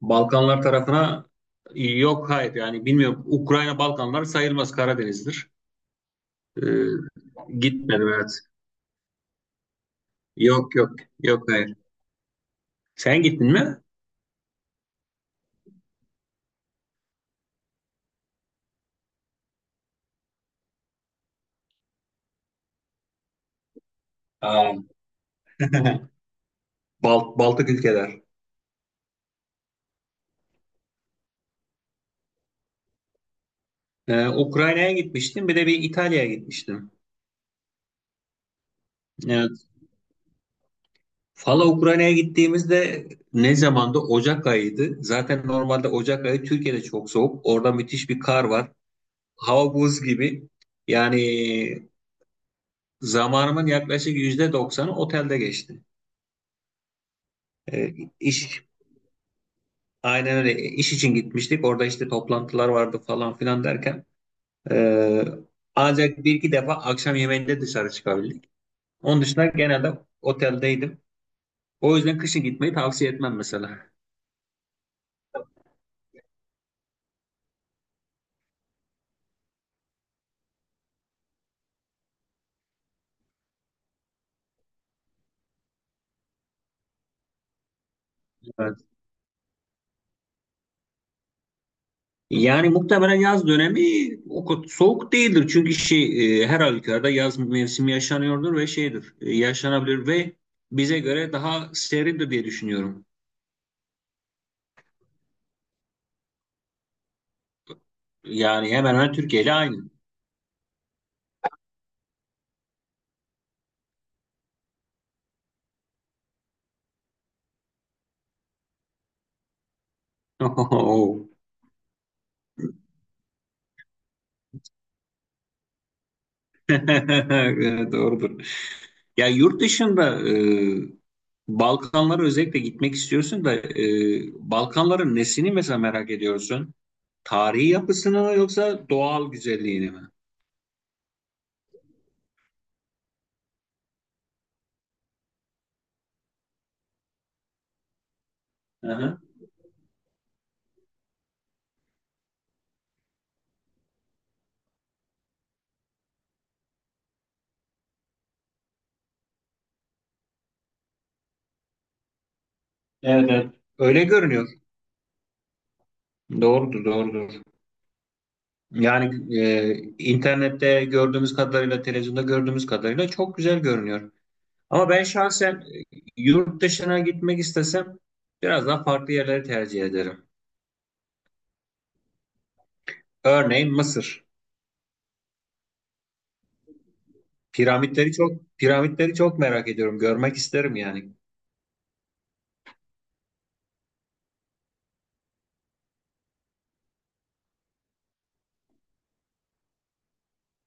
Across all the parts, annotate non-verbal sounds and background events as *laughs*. Balkanlar tarafına yok hayır yani bilmiyorum. Ukrayna Balkanlar sayılmaz Karadeniz'dir. Ee, gitmedim evet. Yok, yok hayır. Sen gittin mi? Aa. *laughs* Bal- Baltık ülkeler. Ukrayna'ya gitmiştim. Bir de bir İtalya'ya gitmiştim. Evet. Valla Ukrayna'ya gittiğimizde ne zamandı? Ocak ayıydı. Zaten normalde Ocak ayı Türkiye'de çok soğuk. Orada müthiş bir kar var. Hava buz gibi. Yani zamanımın yaklaşık %90'ı otelde geçti. E, iş aynen öyle iş için gitmiştik. Orada işte toplantılar vardı falan filan derken e, ancak bir iki defa akşam yemeğinde dışarı çıkabildik. Onun dışında genelde oteldeydim. O yüzden kışın gitmeyi tavsiye etmem mesela. Evet. Yani muhtemelen yaz dönemi o kadar soğuk değildir. Çünkü her halükarda yaz mevsimi yaşanıyordur ve şeydir, yaşanabilir ve bize göre daha serindir diye düşünüyorum. Yani hemen hemen Türkiye ile aynı. *laughs* Evet, doğrudur. Ya yurt dışında, Balkanlara özellikle gitmek istiyorsun da Balkanların nesini mesela merak ediyorsun? Tarihi yapısını mı yoksa doğal güzelliğini mi? Hı hı. Evet, evet. Öyle görünüyor. Doğrudur, doğrudur. Yani internette gördüğümüz kadarıyla, televizyonda gördüğümüz kadarıyla çok güzel görünüyor. Ama ben şahsen, yurt dışına gitmek istesem biraz daha farklı yerleri tercih ederim. Örneğin Mısır. Piramitleri, piramitleri çok merak ediyorum. Görmek isterim yani.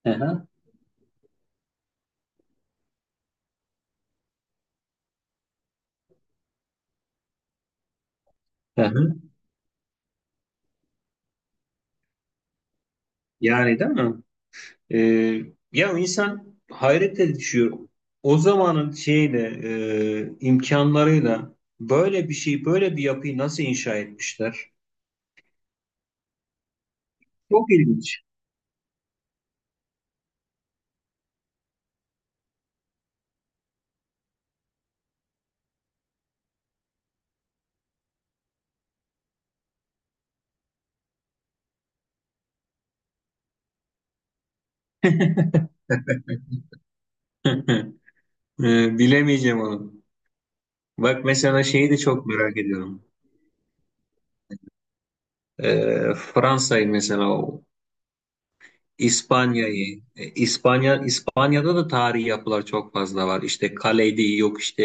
Hı hı, hı hı. Yani değil mi? Ee, ya insan hayrete düşüyor. O zamanın imkanlarıyla böyle bir şey, böyle bir yapıyı nasıl inşa etmişler? Çok ilginç. *laughs* Bilemeyeceğim onu. Bak mesela şeyi de çok merak ediyorum. Fransa'yı mesela İspanya'yı, İspanya'da da tarihi yapılar çok fazla var. İşte Kaledi yok işte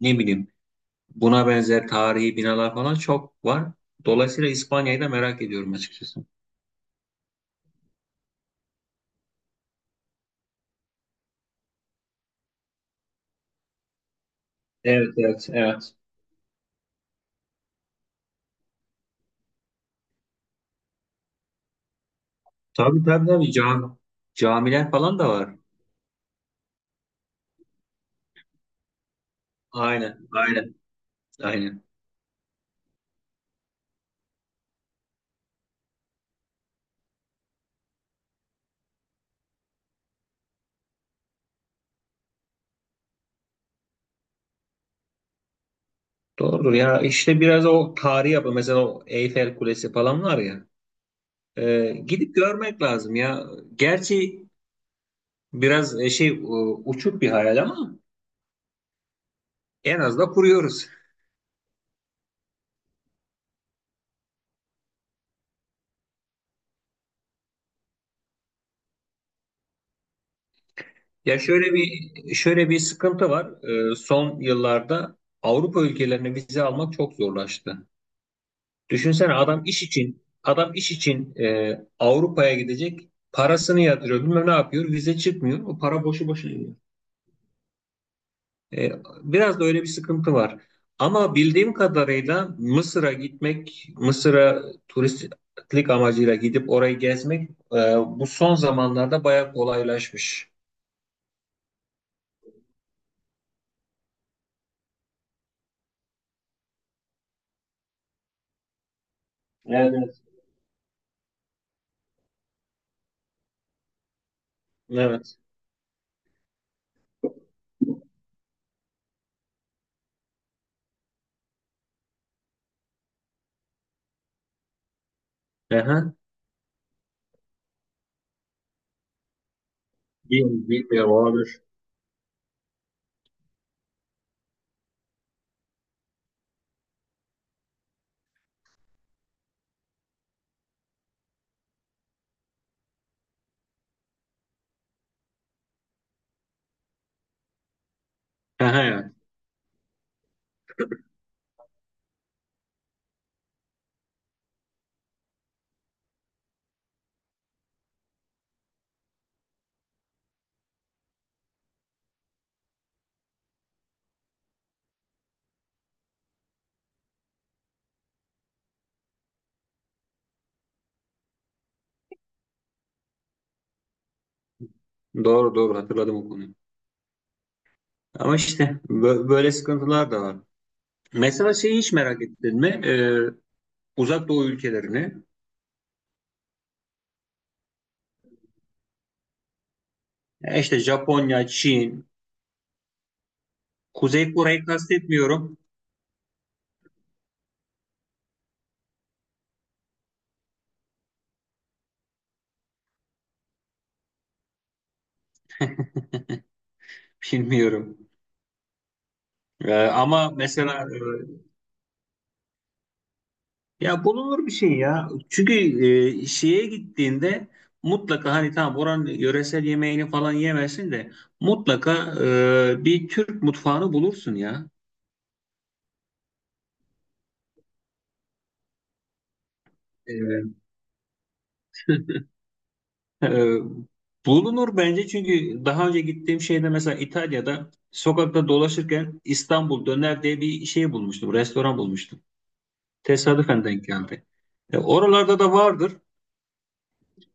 ne bileyim buna benzer tarihi binalar falan çok var. Dolayısıyla İspanya'yı da merak ediyorum açıkçası. Evet, evet, evet. Tabii tabii tabii, camiler falan da var. Aynen, aynen, aynen. Doğrudur ya işte biraz o tarihi yapı mesela o Eyfel Kulesi falan var ya. Gidip görmek lazım ya. Gerçi biraz, uçuk bir hayal ama en az da kuruyoruz. Ya, şöyle bir sıkıntı var. Son yıllarda Avrupa ülkelerine vize almak çok zorlaştı. Düşünsene adam iş için adam iş için Avrupa'ya gidecek. Parasını yatırıyor, bilmem ne yapıyor, vize çıkmıyor. O para boşu boşuna gidiyor. E, biraz da öyle bir sıkıntı var. Ama bildiğim kadarıyla Mısır'a gitmek, Mısır'a turistlik amacıyla gidip orayı gezmek, bu son zamanlarda bayağı kolaylaşmış. Evet. Evet. Aha, bil- bilmiyorum olabilir. Aha, evet. Doğru doğru hatırladım o konuyu. Ama işte bö- böyle sıkıntılar da var. Mesela şeyi hiç merak ettin mi? Uzak Doğu ülkelerini. Ya İşte Japonya, Çin, Kuzey Kore'yi kastetmiyorum. *laughs* Bilmiyorum. Ama mesela ya bulunur bir şey ya. Çünkü şeye gittiğinde mutlaka hani tamam oranın yöresel yemeğini falan yemesin de mutlaka bir Türk mutfağını bulursun ya. Evet. Ee, bulunur bence çünkü daha önce gittiğim şeyde mesela İtalya'da sokakta dolaşırken İstanbul döner diye bir şey bulmuştum, restoran bulmuştum. Tesadüfen denk geldi. Oralarda da vardır.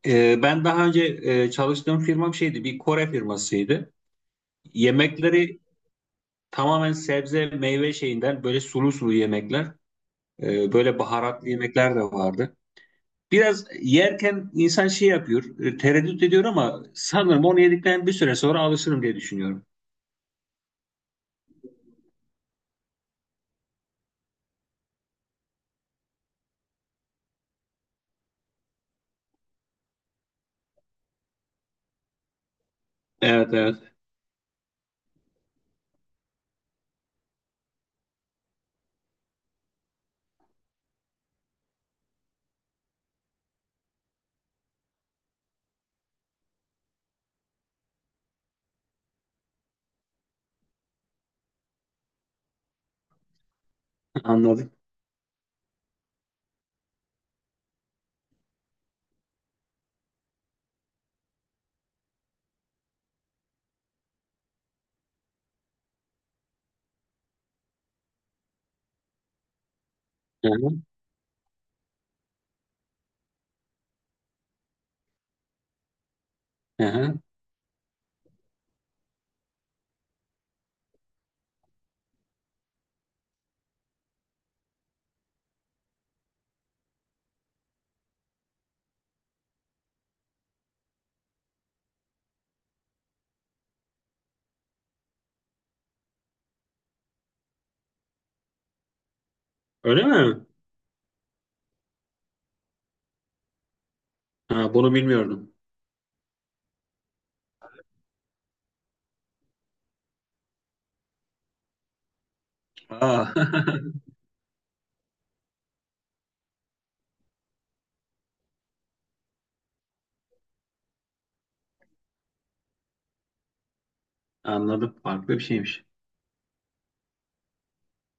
Ben daha önce, çalıştığım firmam şeydi, bir Kore firmasıydı. Yemekleri tamamen sebze, meyve şeyinden böyle sulu sulu yemekler, böyle baharatlı yemekler de vardı. Biraz yerken insan şey yapıyor, tereddüt ediyor ama sanırım onu yedikten bir süre sonra alışırım diye düşünüyorum. Evet evet, *laughs* anladım. Hı hı, hı hı. Öyle mi? Ha, bunu bilmiyordum. Aa, *laughs* anladım. Farklı bir şeymiş.